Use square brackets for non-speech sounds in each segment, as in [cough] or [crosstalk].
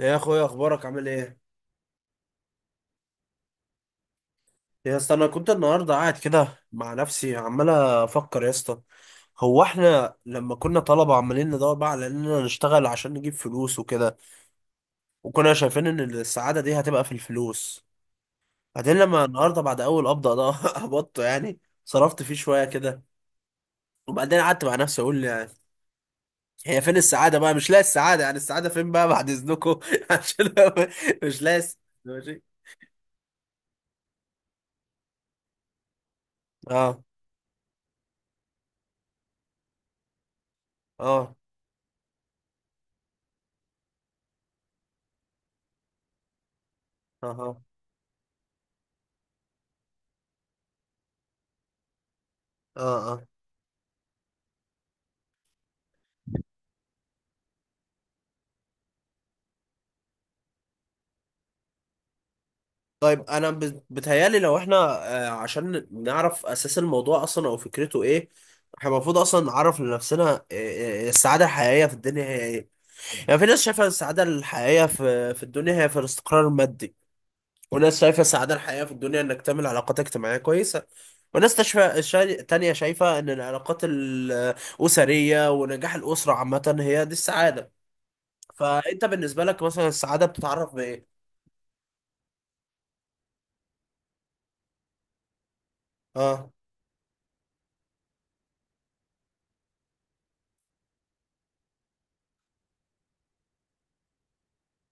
يا اخويا، اخبارك عامل ايه؟ يا اسطى، انا كنت النهارده قاعد كده مع نفسي عمال افكر يا اسطى. هو احنا لما كنا طلبه عمالين ندور بقى على اننا نشتغل عشان نجيب فلوس وكده، وكنا شايفين ان السعاده دي هتبقى في الفلوس. بعدين لما النهارده بعد اول قبضه ده [laughs] قبضته يعني، صرفت فيه شويه كده. وبعدين قعدت مع نفسي اقول، يعني هي فين السعاده بقى؟ مش لاقي السعاده، يعني السعاده فين بقى بعد اذنكم؟ [laughs] عشان مش لاقي الس- ماشي. اه، اه، اه، اه، اه، آه. طيب، انا بتهيالي لو احنا عشان نعرف اساس الموضوع اصلا او فكرته ايه. احنا المفروض اصلا نعرف لنفسنا السعاده الحقيقيه في الدنيا هي ايه؟ يعني في ناس شايفه السعاده الحقيقيه في الدنيا هي في الاستقرار المادي، وناس شايفه السعاده الحقيقيه في الدنيا انك تعمل علاقات اجتماعيه كويسه، وناس تانية شايفه ان العلاقات الاسريه ونجاح الاسره عامه هي دي السعاده. فانت بالنسبه لك مثلا السعاده بتتعرف بايه؟ اه،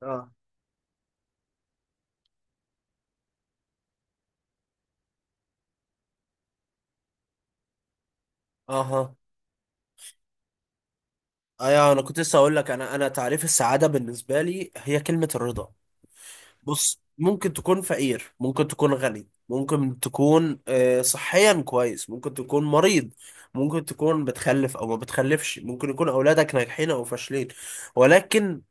اه، اها، ايوه، انا كنت لسه اقول لك، انا تعريف السعاده بالنسبه لي هي كلمه الرضا. بص، ممكن تكون فقير، ممكن تكون غني، ممكن تكون صحيا كويس، ممكن تكون مريض، ممكن تكون بتخلف او ما بتخلفش، ممكن يكون اولادك ناجحين او فاشلين، ولكن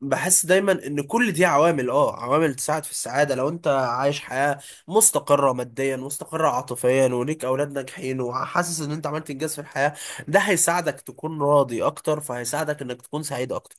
بحس دايما ان كل دي عوامل تساعد في السعاده، لو انت عايش حياه مستقره ماديا، مستقره عاطفيا، وليك اولاد ناجحين، وحاسس ان انت عملت انجاز في الحياه، ده هيساعدك تكون راضي اكتر، فهيساعدك انك تكون سعيد اكتر.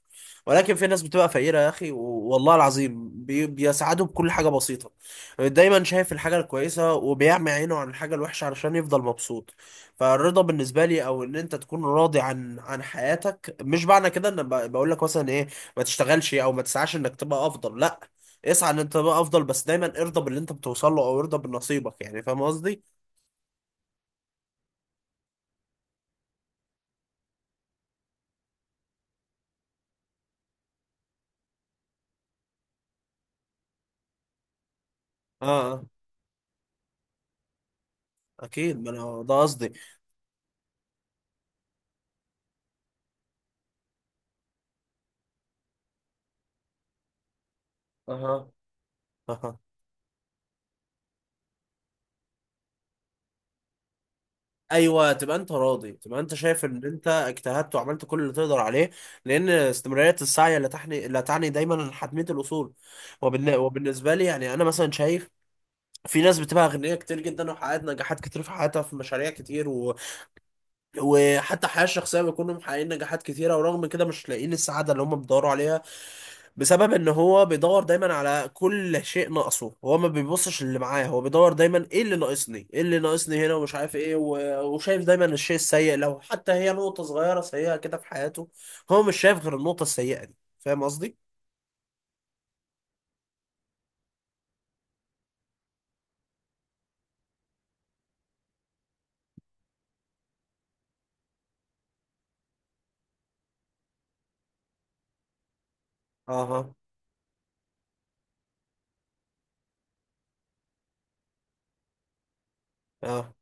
ولكن في ناس بتبقى فقيره يا اخي والله العظيم بيسعدوا بكل حاجه بسيطه. دايما شايف الحاجه الكويسه وبيعمي عينه عن الحاجه الوحشه علشان يفضل مبسوط. فالرضا بالنسبه لي، او ان انت تكون راضي عن حياتك، مش معنى كده ان بقول لك مثلا ايه، ما تشتغلش او ما تسعاش انك تبقى افضل، لا. اسعى ان انت تبقى افضل، بس دايما ارضى باللي انت بتوصل له او ارضى بنصيبك، يعني فاهم قصدي؟ اه، اه، اكيد، ما انا ده قصدي. اها، اها، ايوه، تبقى انت راضي، تبقى انت شايف ان انت اجتهدت وعملت كل اللي تقدر عليه. لان استمراريه السعي لا تعني دايما حتميه الاصول. وبالنسبه لي، يعني انا مثلا شايف في ناس بتبقى اغنياء كتير جدا، وحققت نجاحات كتير في حياتها في مشاريع كتير، وحتى الحياة الشخصية بيكونوا محققين نجاحات كتيرة، ورغم كده مش لاقيين السعادة اللي هم بيدوروا عليها، بسبب ان هو بيدور دايما على كل شيء ناقصه، هو ما بيبصش اللي معاه، هو بيدور دايما، ايه اللي ناقصني، ايه اللي ناقصني هنا، ومش عارف ايه وشايف دايما الشيء السيء، لو حتى هي نقطة صغيرة سيئة كده في حياته، هو مش شايف غير النقطة السيئة دي، فاهم قصدي؟ اها، اه،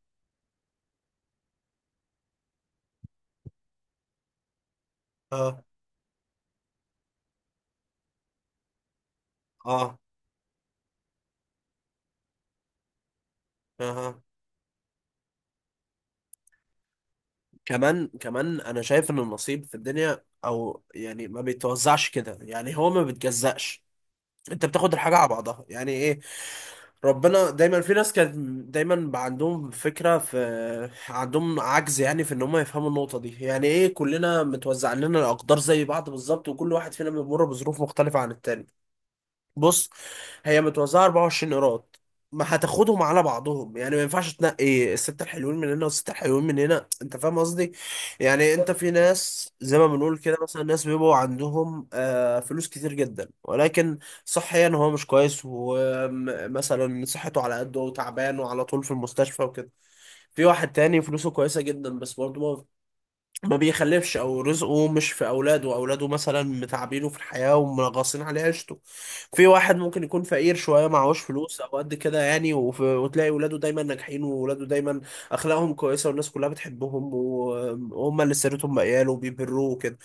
اه، اه، اه، كمان كمان انا شايف ان النصيب في الدنيا، او يعني، ما بيتوزعش كده، يعني هو ما بيتجزأش. انت بتاخد الحاجه على بعضها، يعني ايه. ربنا، دايما في ناس كانت، دايما بقى عندهم فكره في عندهم عجز، يعني في ان هم يفهموا النقطه دي، يعني ايه، كلنا متوزع لنا الاقدار زي بعض بالظبط، وكل واحد فينا بيمر بظروف مختلفه عن التاني. بص، هي متوزعه 24 ايراد، ما هتاخدهم على بعضهم، يعني ما ينفعش تنقي الستة الحلوين من هنا والستة الحلوين من هنا، انت فاهم قصدي؟ يعني انت، في ناس زي ما بنقول كده، مثلا ناس بيبقوا عندهم فلوس كتير جدا، ولكن صحيا هو مش كويس، ومثلا صحته على قده وتعبان وعلى طول في المستشفى وكده. في واحد تاني فلوسه كويسة جدا، بس برضه ما بيخلفش، او رزقه مش في اولاده، اولاده مثلا متعبينه في الحياه ومنغصين عليه عيشته. في واحد ممكن يكون فقير شويه، معهوش فلوس او قد كده يعني، وتلاقي ولاده دايما ناجحين، وولاده دايما اخلاقهم كويسه والناس كلها بتحبهم، وهم اللي سيرتهم بقياله وبيبروه وكده.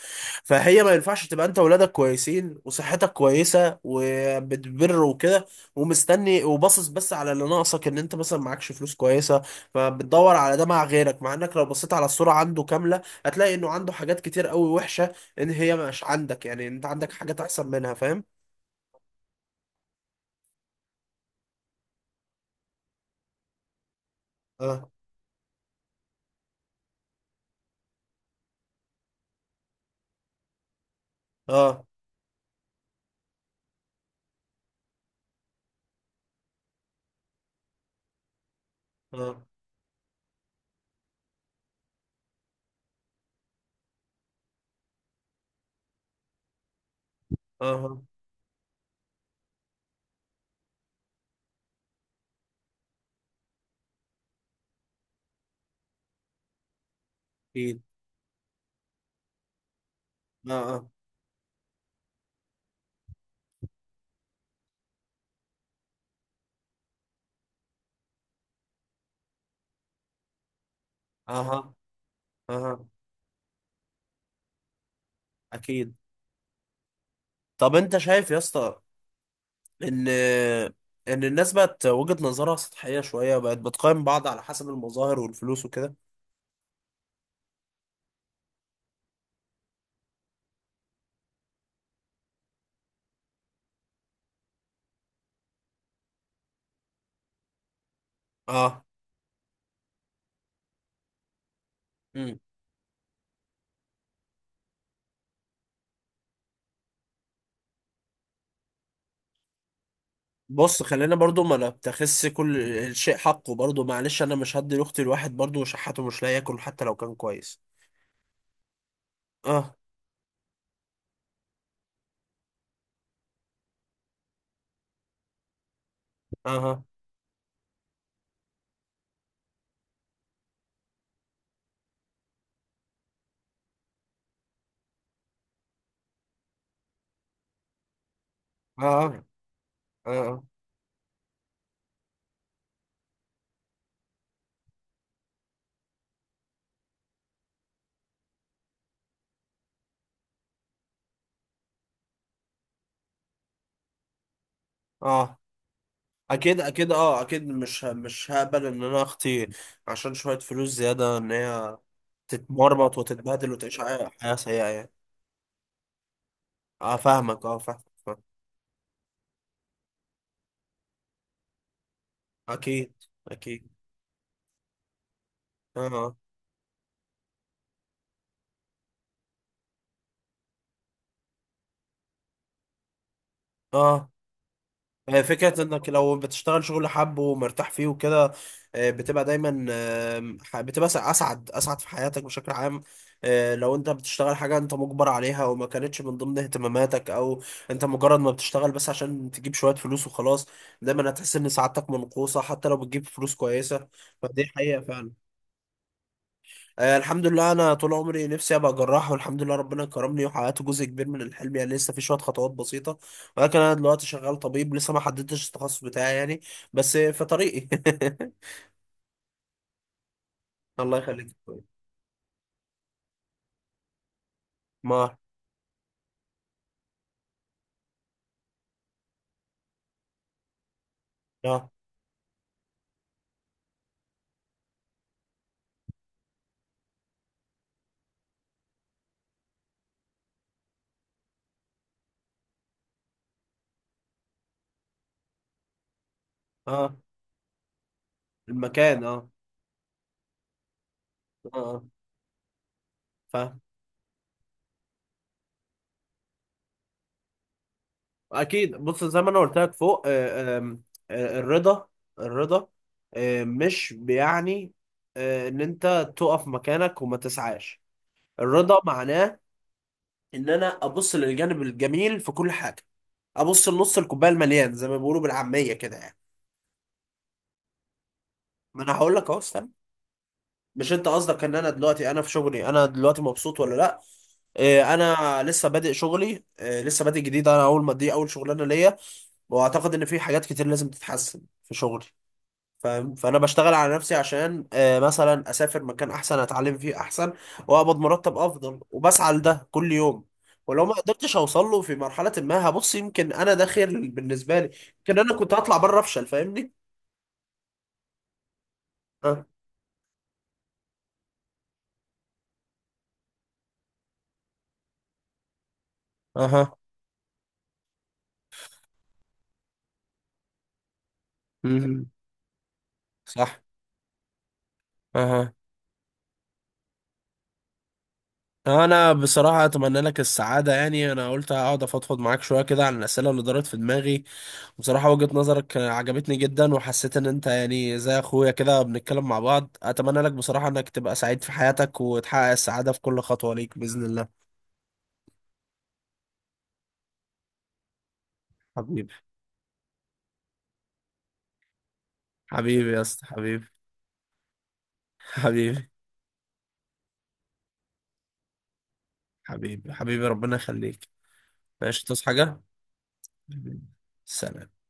فهي ما ينفعش تبقى انت ولادك كويسين وصحتك كويسه وبتبر وكده، ومستني وباصص بس على اللي ناقصك، ان انت مثلا معكش فلوس كويسه. فبتدور على ده مع غيرك، مع انك لو بصيت على الصوره عنده كامله، هتلاقي انه عنده حاجات كتير قوي وحشه، ان هي مش عندك، يعني انت عندك حاجات احسن منها، فاهم؟ اه، اه، اه، اه، اكيد، اه، اه، اه، اه، اكيد. طب انت شايف يا اسطى، ان ان الناس بقت وجهة نظرها سطحية شوية، بقت بتقيم بعض على حسب المظاهر والفلوس وكده؟ اه. امم بص، خلينا برضو ما نبتخس كل الشيء حقه، برضو معلش، انا مش هدي لاختي الواحد برضو شحاته مش لاقي ياكل، حتى لو كان كويس. اه، اه، اه، اه، اه، آه، آه. اكيد، اكيد، اه، اكيد، مش هقبل ان انا اختي، عشان شوية فلوس زيادة، ان هي تتمرمط وتتبهدل وتعيش حياة سيئة يعني. اه، فاهمك، اه، فاهمك، فاهمك. اكيد، اكيد، اه، اه. هي فكرة، انك لو بتشتغل شغل حب ومرتاح فيه وكده، بتبقى دايما بتبقى اسعد في حياتك بشكل عام. لو انت بتشتغل حاجة انت مجبر عليها وما كانتش من ضمن اهتماماتك، او انت مجرد ما بتشتغل بس عشان تجيب شوية فلوس وخلاص، دايما هتحس ان سعادتك منقوصة، حتى لو بتجيب فلوس كويسة. فدي حقيقة فعلا. الحمد لله، انا طول عمري نفسي ابقى جراح، والحمد لله ربنا كرمني وحققت جزء كبير من الحلم، يعني لسه في شويه خطوات بسيطه، ولكن انا دلوقتي شغال طبيب، لسه ما حددتش التخصص بتاعي يعني، بس في طريقي. [laughs] الله يخليك. ما، اه، اه، المكان، اه، اه، آه، فاهم، اكيد. بص زي ما انا قلت لك فوق، آه، آم، الرضا، الرضا مش بيعني ان انت تقف مكانك وما تسعاش. الرضا معناه ان انا ابص للجانب الجميل في كل حاجه، ابص لنص الكوبايه المليان زي ما بيقولوا بالعاميه كده يعني. ما انا هقول لك اهو، استنى. مش انت قصدك ان انا دلوقتي انا في شغلي، انا دلوقتي مبسوط ولا لا؟ إيه، انا لسه بادئ شغلي. إيه، لسه بادئ جديد، انا اول ما دي اول شغلانه ليا، واعتقد ان في حاجات كتير لازم تتحسن في شغلي. فاهم، فانا بشتغل على نفسي عشان مثلا اسافر مكان احسن، اتعلم فيه احسن، واقبض مرتب افضل، وبسعى لده كل يوم. ولو ما قدرتش اوصل له في مرحله، ما هبص، يمكن انا ده خير بالنسبه لي، يمكن انا كنت هطلع بره افشل، فاهمني. اه، اها، مهم. صح، اها. انا بصراحه اتمنى لك السعاده، يعني انا قلت اقعد افضفض معاك شويه كده عن الاسئله اللي دارت في دماغي، بصراحه وجهه نظرك عجبتني جدا، وحسيت ان انت يعني زي اخويا كده بنتكلم مع بعض. اتمنى لك بصراحه انك تبقى سعيد في حياتك، وتحقق السعاده في كل خطوه ليك باذن الله. حبيبي، حبيبي يا اسطى، حبيبي، حبيبي، حبيبي، حبيبي، ربنا يخليك. ماشي، تصحى حاجه، حبيبي. سلام.